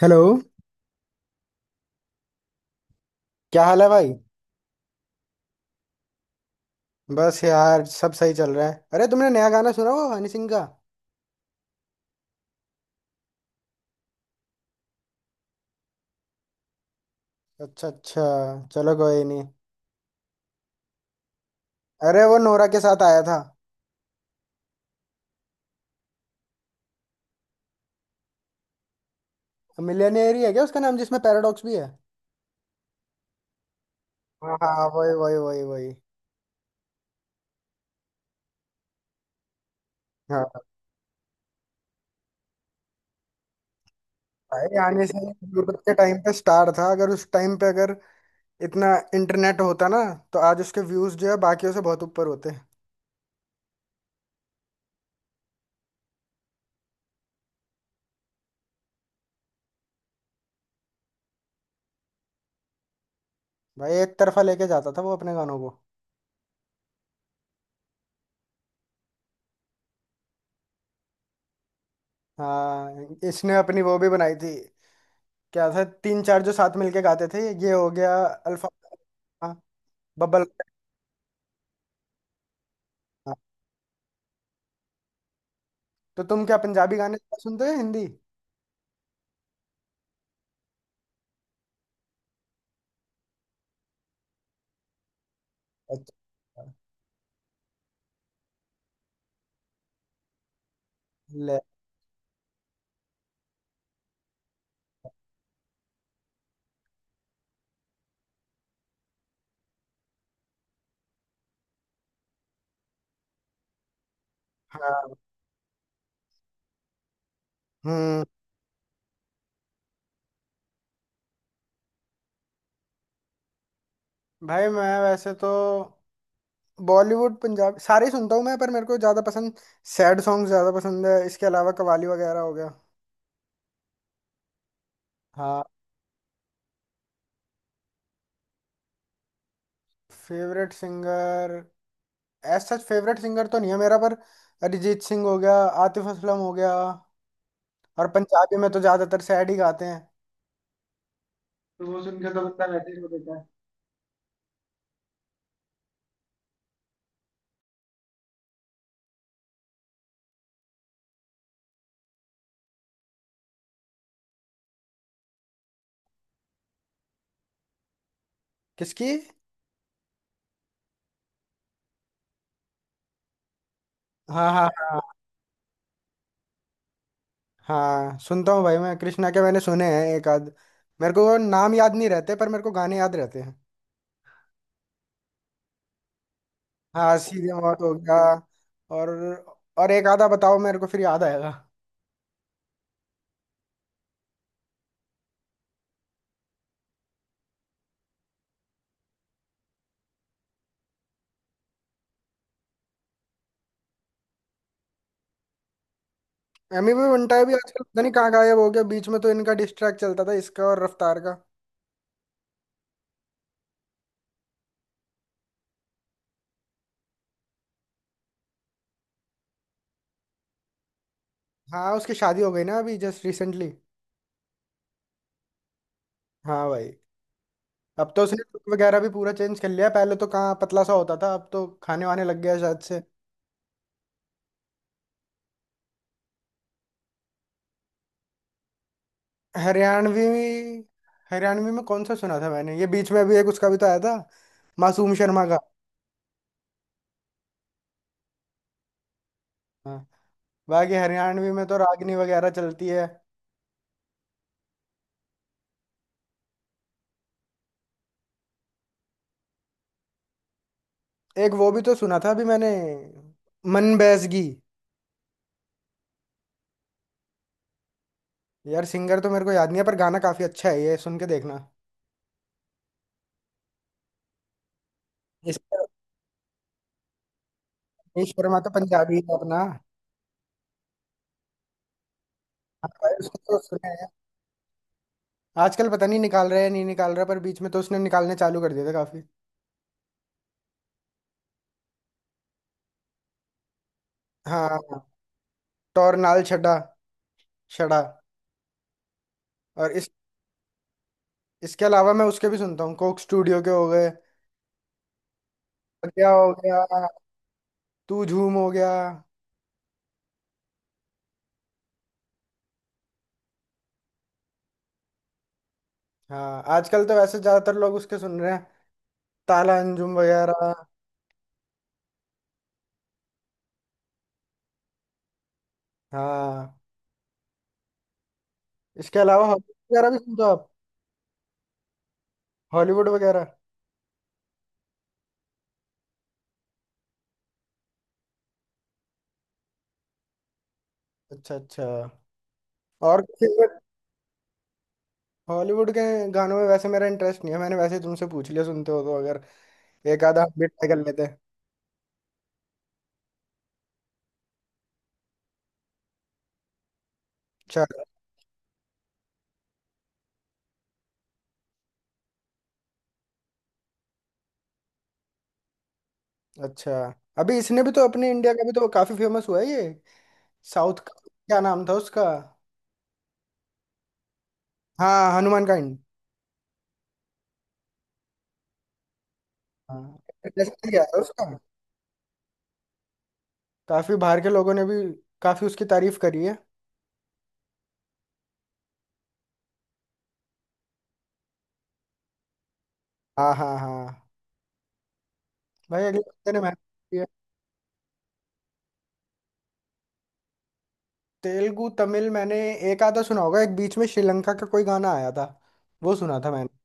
Hello. क्या हाल है भाई? बस यार, सब सही चल रहा है। अरे तुमने नया गाना सुना, वो हनी सिंह का? अच्छा अच्छा, चलो कोई नहीं। अरे वो नोरा के साथ आया था। मिलियनेयर ही है क्या उसका नाम, जिसमें पैराडॉक्स भी है? हाँ हाँ, वही वही। हाँ भाई, आने से यूट्यूब के टाइम पे स्टार था। अगर उस टाइम पे अगर इतना इंटरनेट होता ना, तो आज उसके व्यूज जो है बाकियों से बहुत ऊपर होते। भाई एक तरफा लेके जाता था वो अपने गानों को। हाँ, इसने अपनी वो भी बनाई थी। क्या था, तीन चार जो साथ मिलके गाते थे। ये हो गया अल्फा, हाँ, बब्बल। हाँ। तो तुम क्या पंजाबी गाने ज्यादा सुनते हो या हिंदी? अच्छा। ले। हाँ। हम्म। भाई मैं वैसे तो बॉलीवुड पंजाब सारे ही सुनता हूँ मैं, पर मेरे को ज्यादा पसंद सैड सॉन्ग ज्यादा पसंद है। इसके अलावा कवाली वगैरह हो गया। हाँ। Favourite singer, as such favourite singer तो नहीं है मेरा, पर अरिजीत सिंह हो गया, आतिफ असलम हो गया। और पंजाबी में तो ज्यादातर सैड ही गाते हैं, तो वो सुन के तो बंदा वैसे ही रो देता है। किसकी? हाँ हाँ हाँ। हाँ सुनता हूँ भाई, मैं कृष्णा के मैंने सुने हैं एक आध। मेरे को वो नाम याद नहीं रहते पर मेरे को गाने याद रहते हैं। हाँ, सीधे मौत हो गया। और और एक आधा बताओ, मेरे को फिर याद आएगा। एमी भी बंटा भी आजकल पता नहीं कहाँ गायब हो गया। बीच में तो इनका डिस्ट्रैक्ट चलता था, इसका और रफ्तार का। हाँ, उसकी शादी हो गई ना अभी जस्ट रिसेंटली। हाँ भाई। अब तो उसने look वगैरह भी पूरा चेंज कर लिया। पहले तो कहाँ पतला सा होता था, अब तो खाने वाने लग गया शायद से। हरियाणवी? हरियाणवी में कौन सा सुना था मैंने, ये बीच में अभी एक उसका भी तो आया था, मासूम शर्मा का। हाँ। बाकी हरियाणवी में तो रागनी वगैरह चलती है। एक वो भी तो सुना था अभी मैंने, मन बैसगी। यार सिंगर तो मेरे को याद नहीं है, पर गाना काफी अच्छा है, ये सुन के देखना। इस पर मनीष शर्मा तो पंजाबी है अपना, हाँ। भाई, उसको तो सुना है। आजकल पता नहीं निकाल रहा है या नहीं निकाल रहा, पर बीच में तो उसने निकालने चालू कर दिया था काफी। हाँ, टोरनाल छड़ा, छड़ा। और इस, इसके अलावा मैं उसके भी सुनता हूँ, कोक स्टूडियो के हो गए। क्या हो गया, तू झूम हो गया। हाँ, आजकल तो वैसे ज्यादातर लोग उसके सुन रहे हैं, ताला अंजुम वगैरह। हाँ, इसके अलावा हॉलीवुड वगैरह भी सुनते हो आप? हॉलीवुड वगैरह? अच्छा अच्छा। और फेवरेट हॉलीवुड के गानों में वैसे मेरा इंटरेस्ट नहीं है, मैंने वैसे ही तुमसे पूछ लिया। सुनते हो तो अगर एक आधा हम भी ट्राई कर लेते हैं। चल। अच्छा, अभी इसने भी तो अपने इंडिया का भी तो काफी फेमस हुआ है ये, साउथ का। क्या नाम था उसका? हाँ, हनुमान काइंड। हाँ, इंटरेस्टिंग है उसका। काफी बाहर के लोगों ने भी काफी उसकी तारीफ करी है। हाँ हाँ हाँ। भाई अगले हफ्ते ने मेहनत की है। तेलुगु तमिल मैंने एक आधा सुना होगा। एक बीच में श्रीलंका का कोई गाना आया था, वो सुना था मैंने।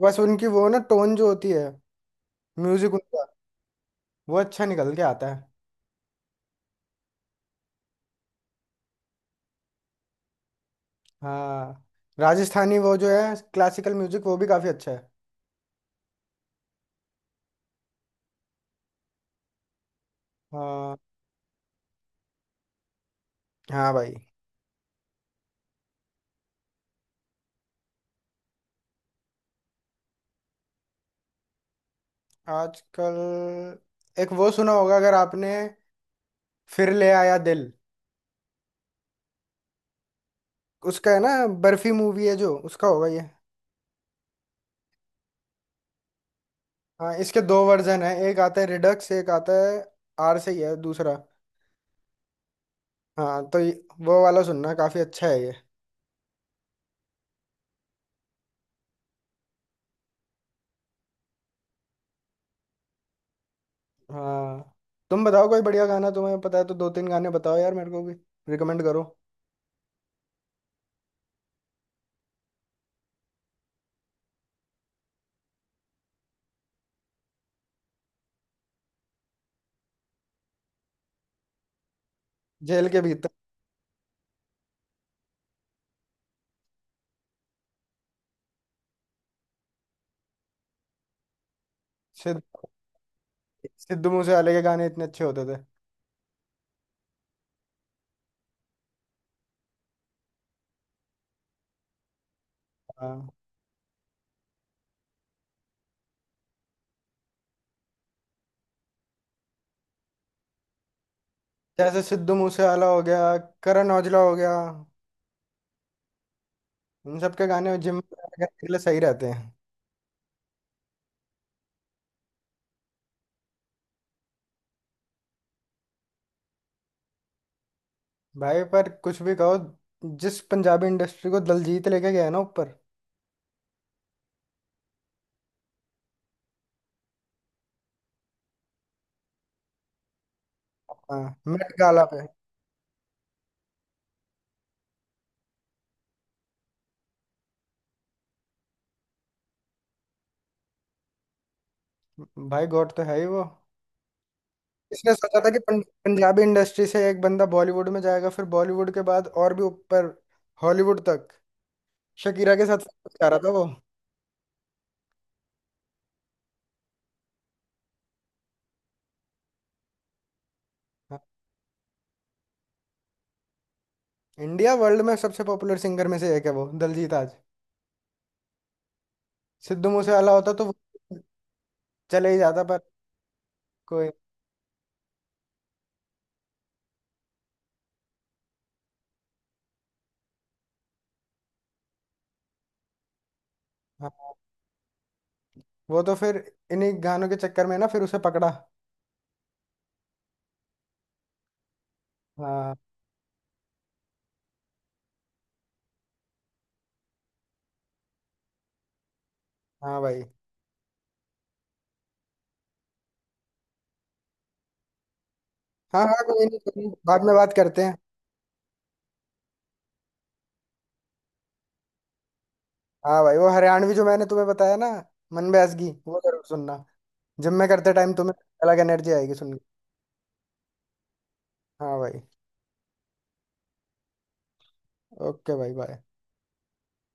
बस उनकी वो ना टोन जो होती है, म्यूजिक उनका, वो अच्छा निकल के आता है। हाँ, राजस्थानी वो जो है क्लासिकल म्यूजिक वो भी काफी अच्छा है। हाँ हाँ भाई। आजकल एक वो सुना होगा अगर आपने, फिर ले आया दिल। उसका है ना बर्फी मूवी है, जो उसका होगा ये। हाँ, इसके दो वर्जन है, एक आता है रिडक्स, एक आता है आर से ही है दूसरा। हाँ तो वो वाला सुनना काफी अच्छा है ये। हाँ, तुम बताओ कोई बढ़िया गाना तुम्हें पता है तो दो तीन गाने बताओ यार, मेरे को भी रिकमेंड करो। जेल के भीतर। सिद्ध सिद्धू मूसेवाले के गाने इतने अच्छे होते थे। हाँ, जैसे सिद्धू मूसेवाला हो गया, करण औजला हो गया, इन सब के गाने जिम करने के लिए सही रहते हैं। भाई पर कुछ भी कहो, जिस पंजाबी इंडस्ट्री को दलजीत लेके गया है ना ऊपर। हाँ, मेट गाला पे। भाई गॉड तो है ही वो। इसने सोचा था कि पंजाबी इंडस्ट्री से एक बंदा बॉलीवुड में जाएगा, फिर बॉलीवुड के बाद और भी ऊपर, हॉलीवुड तक, शकीरा के साथ जा रहा था वो। हाँ। इंडिया वर्ल्ड में सबसे पॉपुलर सिंगर में से एक है वो, दलजीत आज। सिद्धू मूसेवाला होता तो वो चले ही जाता, पर कोई। हाँ वो तो फिर इन्हीं गानों के चक्कर में ना फिर उसे पकड़ा। हाँ। हाँ भाई। हाँ हाँ, कोई नहीं, बाद में बात करते हैं। हाँ भाई, वो हरियाणवी जो मैंने तुम्हें बताया ना, मन बैसगी, वो जरूर सुनना। जिम में करते टाइम तुम्हें अलग एनर्जी आएगी सुन के। हाँ भाई। ओके भाई, बाय।